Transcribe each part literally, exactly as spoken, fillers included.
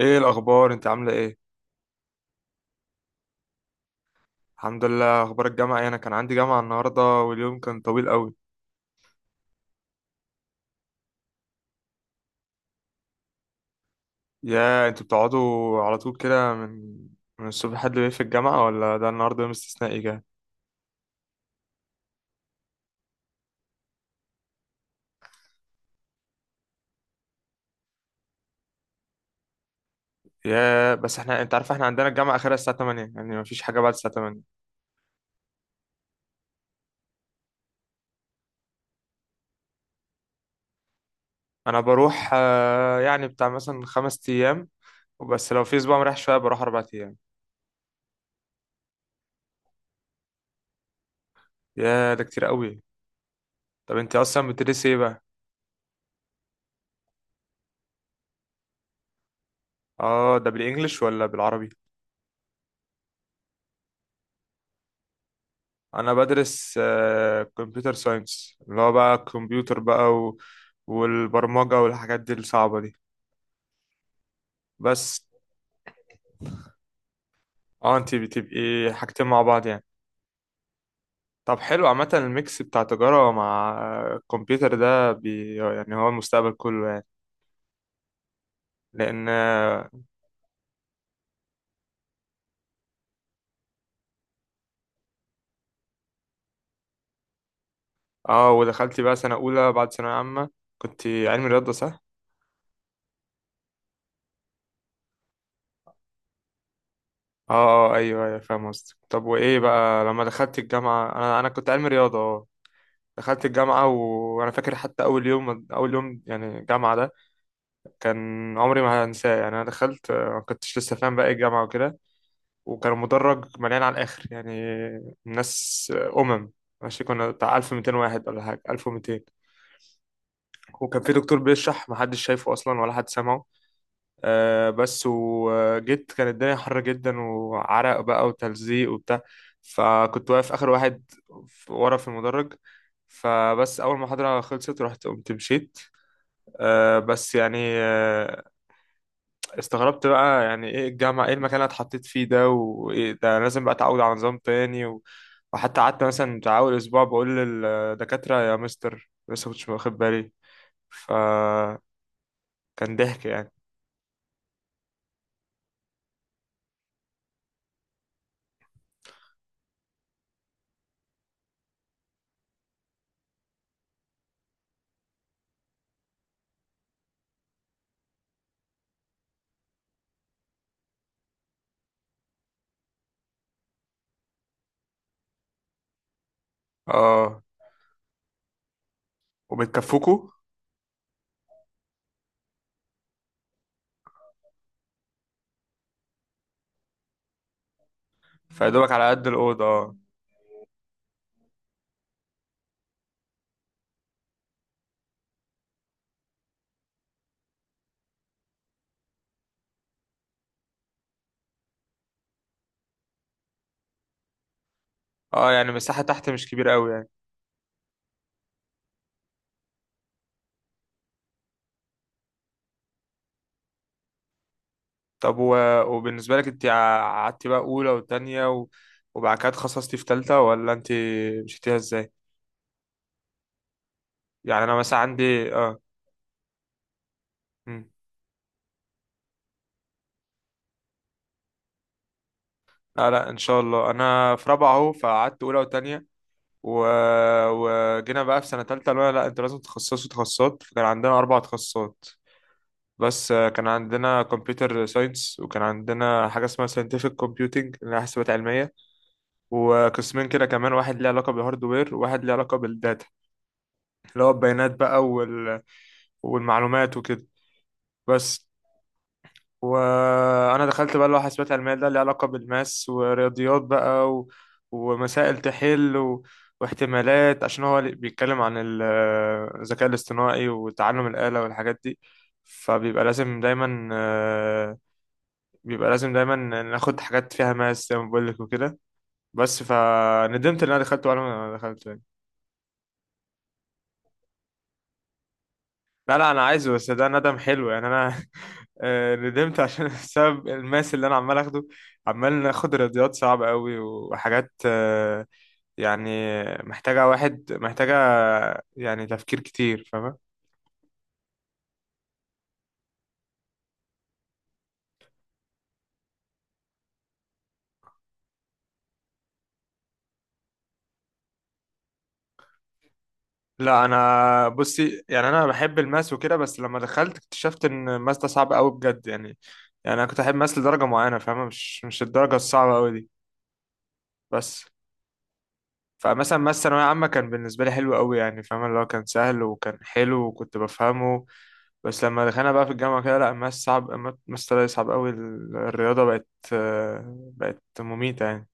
ايه الاخبار؟ انت عامله ايه؟ الحمد لله. اخبار الجامعه ايه؟ انا كان عندي جامعه النهارده واليوم كان طويل قوي. يا انتوا بتقعدوا على طول كده من من الصبح لحد بالليل في الجامعه، ولا ده النهارده يوم استثنائي كده؟ يا بس احنا، انت عارف، احنا عندنا الجامعه اخرها الساعه تمانية، يعني مفيش حاجه بعد الساعه ثمانية. انا بروح، آه، يعني بتاع مثلا خمس ايام وبس. لو في اسبوع مريح شويه بروح اربع ايام. يا ده كتير قوي. طب انت اصلا بتدرسي ايه بقى؟ اه، ده بالانجلش ولا بالعربي؟ انا بدرس كمبيوتر ساينس، اللي هو بقى الكمبيوتر بقى و... والبرمجة والحاجات دي الصعبة دي بس. اه، انت بتبقي حاجتين مع بعض يعني. طب حلو، عامة الميكس بتاع تجارة مع الكمبيوتر ده، بي يعني هو المستقبل كله يعني. لأن. اه، ودخلتي بقى سنة أولى بعد ثانوية عامة، كنت علمي رياضة، صح؟ اه. اه، ايوه، ايوه، فاهم قصدك. طب وايه بقى لما دخلت الجامعة؟ انا انا كنت علمي رياضة، اه. دخلت الجامعة وأنا فاكر حتى أول يوم، أول يوم يعني الجامعة ده كان عمري ما هنساه يعني. أنا دخلت، آه، ما كنتش لسه فاهم بقى إيه الجامعة وكده. وكان المدرج مليان على الآخر يعني، ناس، آه، أمم ماشي، كنا بتاع ألف ومتين واحد ولا حاجة، ألف ومئتين. وكان في دكتور بيشرح، محدش شايفه أصلا ولا حد سامعه. أه بس وجيت، كانت الدنيا حر جدا، وعرق بقى وتلزيق وبتاع. فكنت واقف آخر واحد ورا في المدرج، فبس اول ما المحاضره خلصت رحت قمت مشيت. آه، بس يعني، آه، استغربت بقى يعني ايه الجامعة، ايه المكان اللي أنا اتحطيت فيه ده، وايه ده؟ أنا لازم بقى اتعود على نظام تاني و... وحتى قعدت مثلا بتاع اول اسبوع بقول للدكاترة يا مستر لسه كنتش واخد بالي، فكان ضحك يعني. اه، وبتكفوكوا؟ فيدوبك على قد الأوضة، اه. اه، يعني المساحة تحت مش كبيرة قوي يعني. طب و... وبالنسبة لك، انت قعدتي بقى أولى وتانية و... وبعد كده اتخصصتي في تالتة، ولا انت مشيتيها ازاي؟ يعني انا مثلا عندي، اه. مم. لا، لا، ان شاء الله انا في رابعه اهو. فقعدت اولى وتانية و... وجينا بقى في سنه تالتة، قالوا لنا لا انتوا لازم تتخصصوا تخصصات، فكان عندنا اربع تخصصات. بس آه، كان عندنا كمبيوتر ساينس، وكان عندنا حاجه اسمها ساينتفك كومبيوتنج اللي هي حسابات علميه. وقسمين كده كمان، واحد ليه علاقه بالهاردوير وواحد ليه علاقه بالداتا اللي هو البيانات بقى وال... والمعلومات وكده بس. وانا دخلت بقى اللي هو حاسبات علميه ده، اللي علاقه بالماس ورياضيات بقى و... ومسائل تحل و... واحتمالات، عشان هو اللي بيتكلم عن ال- الذكاء الاصطناعي وتعلم الآلة والحاجات دي. فبيبقى لازم دايما آه، بيبقى لازم دايما ناخد حاجات فيها ماس زي ما بقول لك وكده بس. فندمت ان انا دخلت ولا ما دخلت. لا، لا، انا عايزه، بس ده ندم حلو يعني، انا آه، ندمت عشان بسبب الماس اللي انا عمال اخده. عمال ناخد رياضيات صعبة قوي وحاجات، آه، يعني محتاجة واحد محتاجة يعني تفكير كتير، فاهمة؟ لا، انا بصي يعني، انا بحب الماس وكده، بس لما دخلت اكتشفت ان الماس ده صعب قوي بجد يعني. يعني انا كنت احب ماس لدرجة معينة، فاهمة؟ مش مش الدرجة الصعبة قوي دي بس. فمثلا ما الثانوية عامة كان بالنسبة لي حلو قوي يعني، فاهم؟ اللي هو كان سهل وكان حلو وكنت بفهمه. بس لما دخلنا بقى في الجامعة كده، لا، الماس صعب. الماس طلع صعب قوي. ال- الرياضة بقت، آه، بقت مميتة يعني.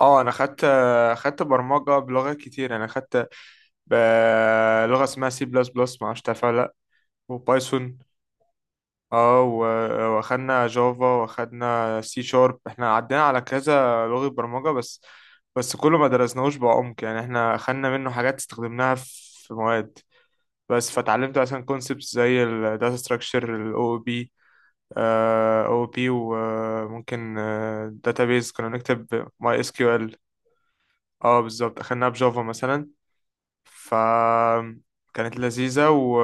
اه، انا خدت خدت برمجة بلغات كتير. انا خدت ب- لغة اسمها سي بلس بلس، معرفش تعرفها ولا لا. وبايثون. اه، و- واخدنا جافا، واخدنا سي شارب، احنا عدينا على كذا لغة برمجة بس. بس كله ما درسناهوش بعمق يعني. احنا خدنا منه حاجات استخدمناها في مواد بس. فتعلمت مثلا كونسبتس زي الداتا ستراكشر، الاو او بي او بي، وممكن داتابيز كنا بنكتب ماي اس كيو ال. اه، بالظبط، اخدناها بجافا مثلا، فكانت لذيذة و...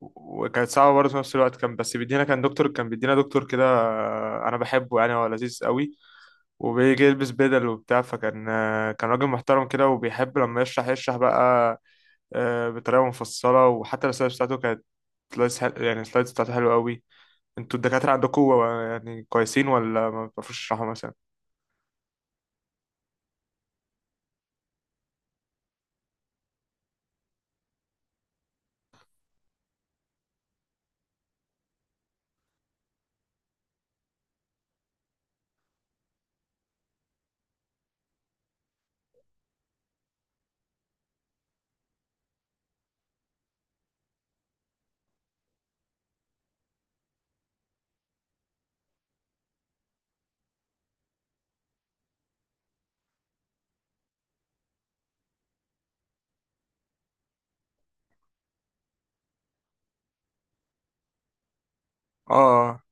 وكانت صعبة برضه في نفس الوقت. كان بس بيدينا، كان دكتور، كان بيدينا دكتور كده، آه، أنا بحبه يعني، هو لذيذ قوي. وبيجي يلبس بدل وبتاع، فكان آه، كان راجل محترم كده، وبيحب لما يشرح يشرح بقى، آه، بطريقة مفصلة. وحتى السلايدز بتاعته كانت سلايدز حل... يعني السلايدز بتاعته حلوة قوي. انتوا الدكاترة عندكم يعني كويسين، ولا ما بتعرفوش تشرحوا مثلا؟ اه،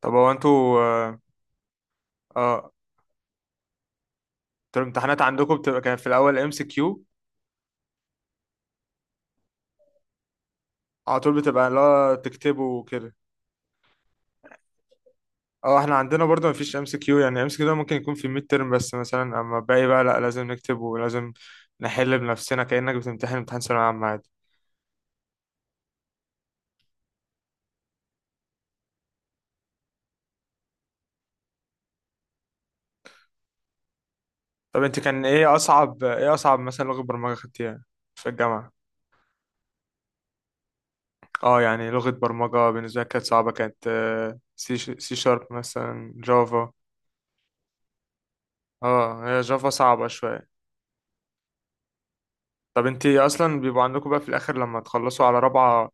طب هو انتوا، اه، آه، انتوا الامتحانات عندكم بتبقى كانت في الأول ام سي كيو؟ على طول بتبقى، لا تكتبه وكده. اه، احنا عندنا برضه مفيش ام سي كيو. يعني ام سي كيو ده ممكن يكون في الميد ترم بس مثلا، اما باقي بقى لا، لازم نكتب ولازم نحل بنفسنا كأنك بتمتحن امتحان ثانوية عامة عادي. طب انت كان ايه اصعب ايه اصعب مثلا لغة برمجة خدتيها في الجامعة؟ اه، يعني لغة برمجة بالنسبة لي كانت صعبة، كانت، آه، سي سي شارب مثلا، جافا. اه، هي جافا صعبة شوية. طب انت اصلا، بيبقوا عندكم بقى في الاخر لما تخلصوا على رابعة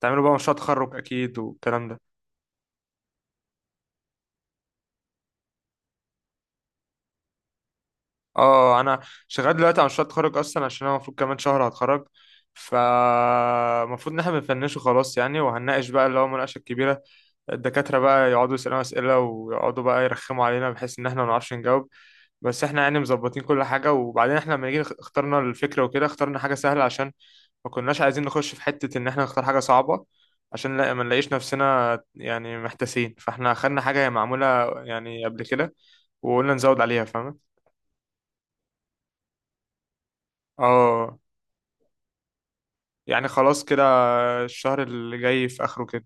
تعملوا بقى مشروع تخرج اكيد والكلام ده. اه، انا شغال دلوقتي على مشروع التخرج اصلا، عشان انا المفروض كمان شهر هتخرج. ف المفروض ان احنا بنفنشه خلاص يعني، وهنناقش بقى اللي هو مناقشه كبيره. الدكاتره بقى يقعدوا يسالونا اسئله، ويقعدوا بقى يرخموا علينا بحيث ان احنا ما نعرفش نجاوب. بس احنا يعني مظبطين كل حاجه. وبعدين احنا لما جينا اخترنا الفكره وكده، اخترنا حاجه سهله عشان ما كناش عايزين نخش في حته ان احنا نختار حاجه صعبه، عشان لا ما نلاقيش نفسنا يعني محتاسين. فاحنا خدنا حاجه هي معموله يعني قبل كده، وقلنا نزود عليها، فاهمه. اه، يعني خلاص كده. الشهر اللي جاي في اخره كده.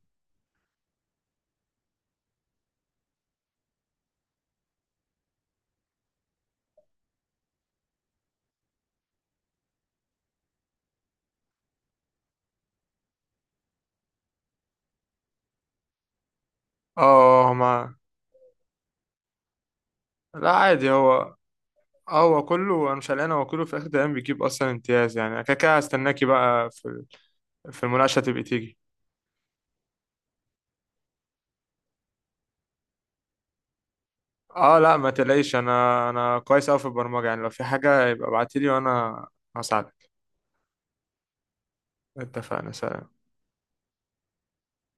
اه، هما. لا، عادي، هو هو كله انا مش قلقان. هو كله في اخر الايام بيجيب اصلا امتياز يعني، أنا كده كده هستناكي بقى في في المناقشه تبقي تيجي. اه، لا، ما تقلقيش. انا انا كويس اوي في البرمجه يعني، لو في حاجه يبقى ابعتيلي وانا هساعدك. اتفقنا. سلام.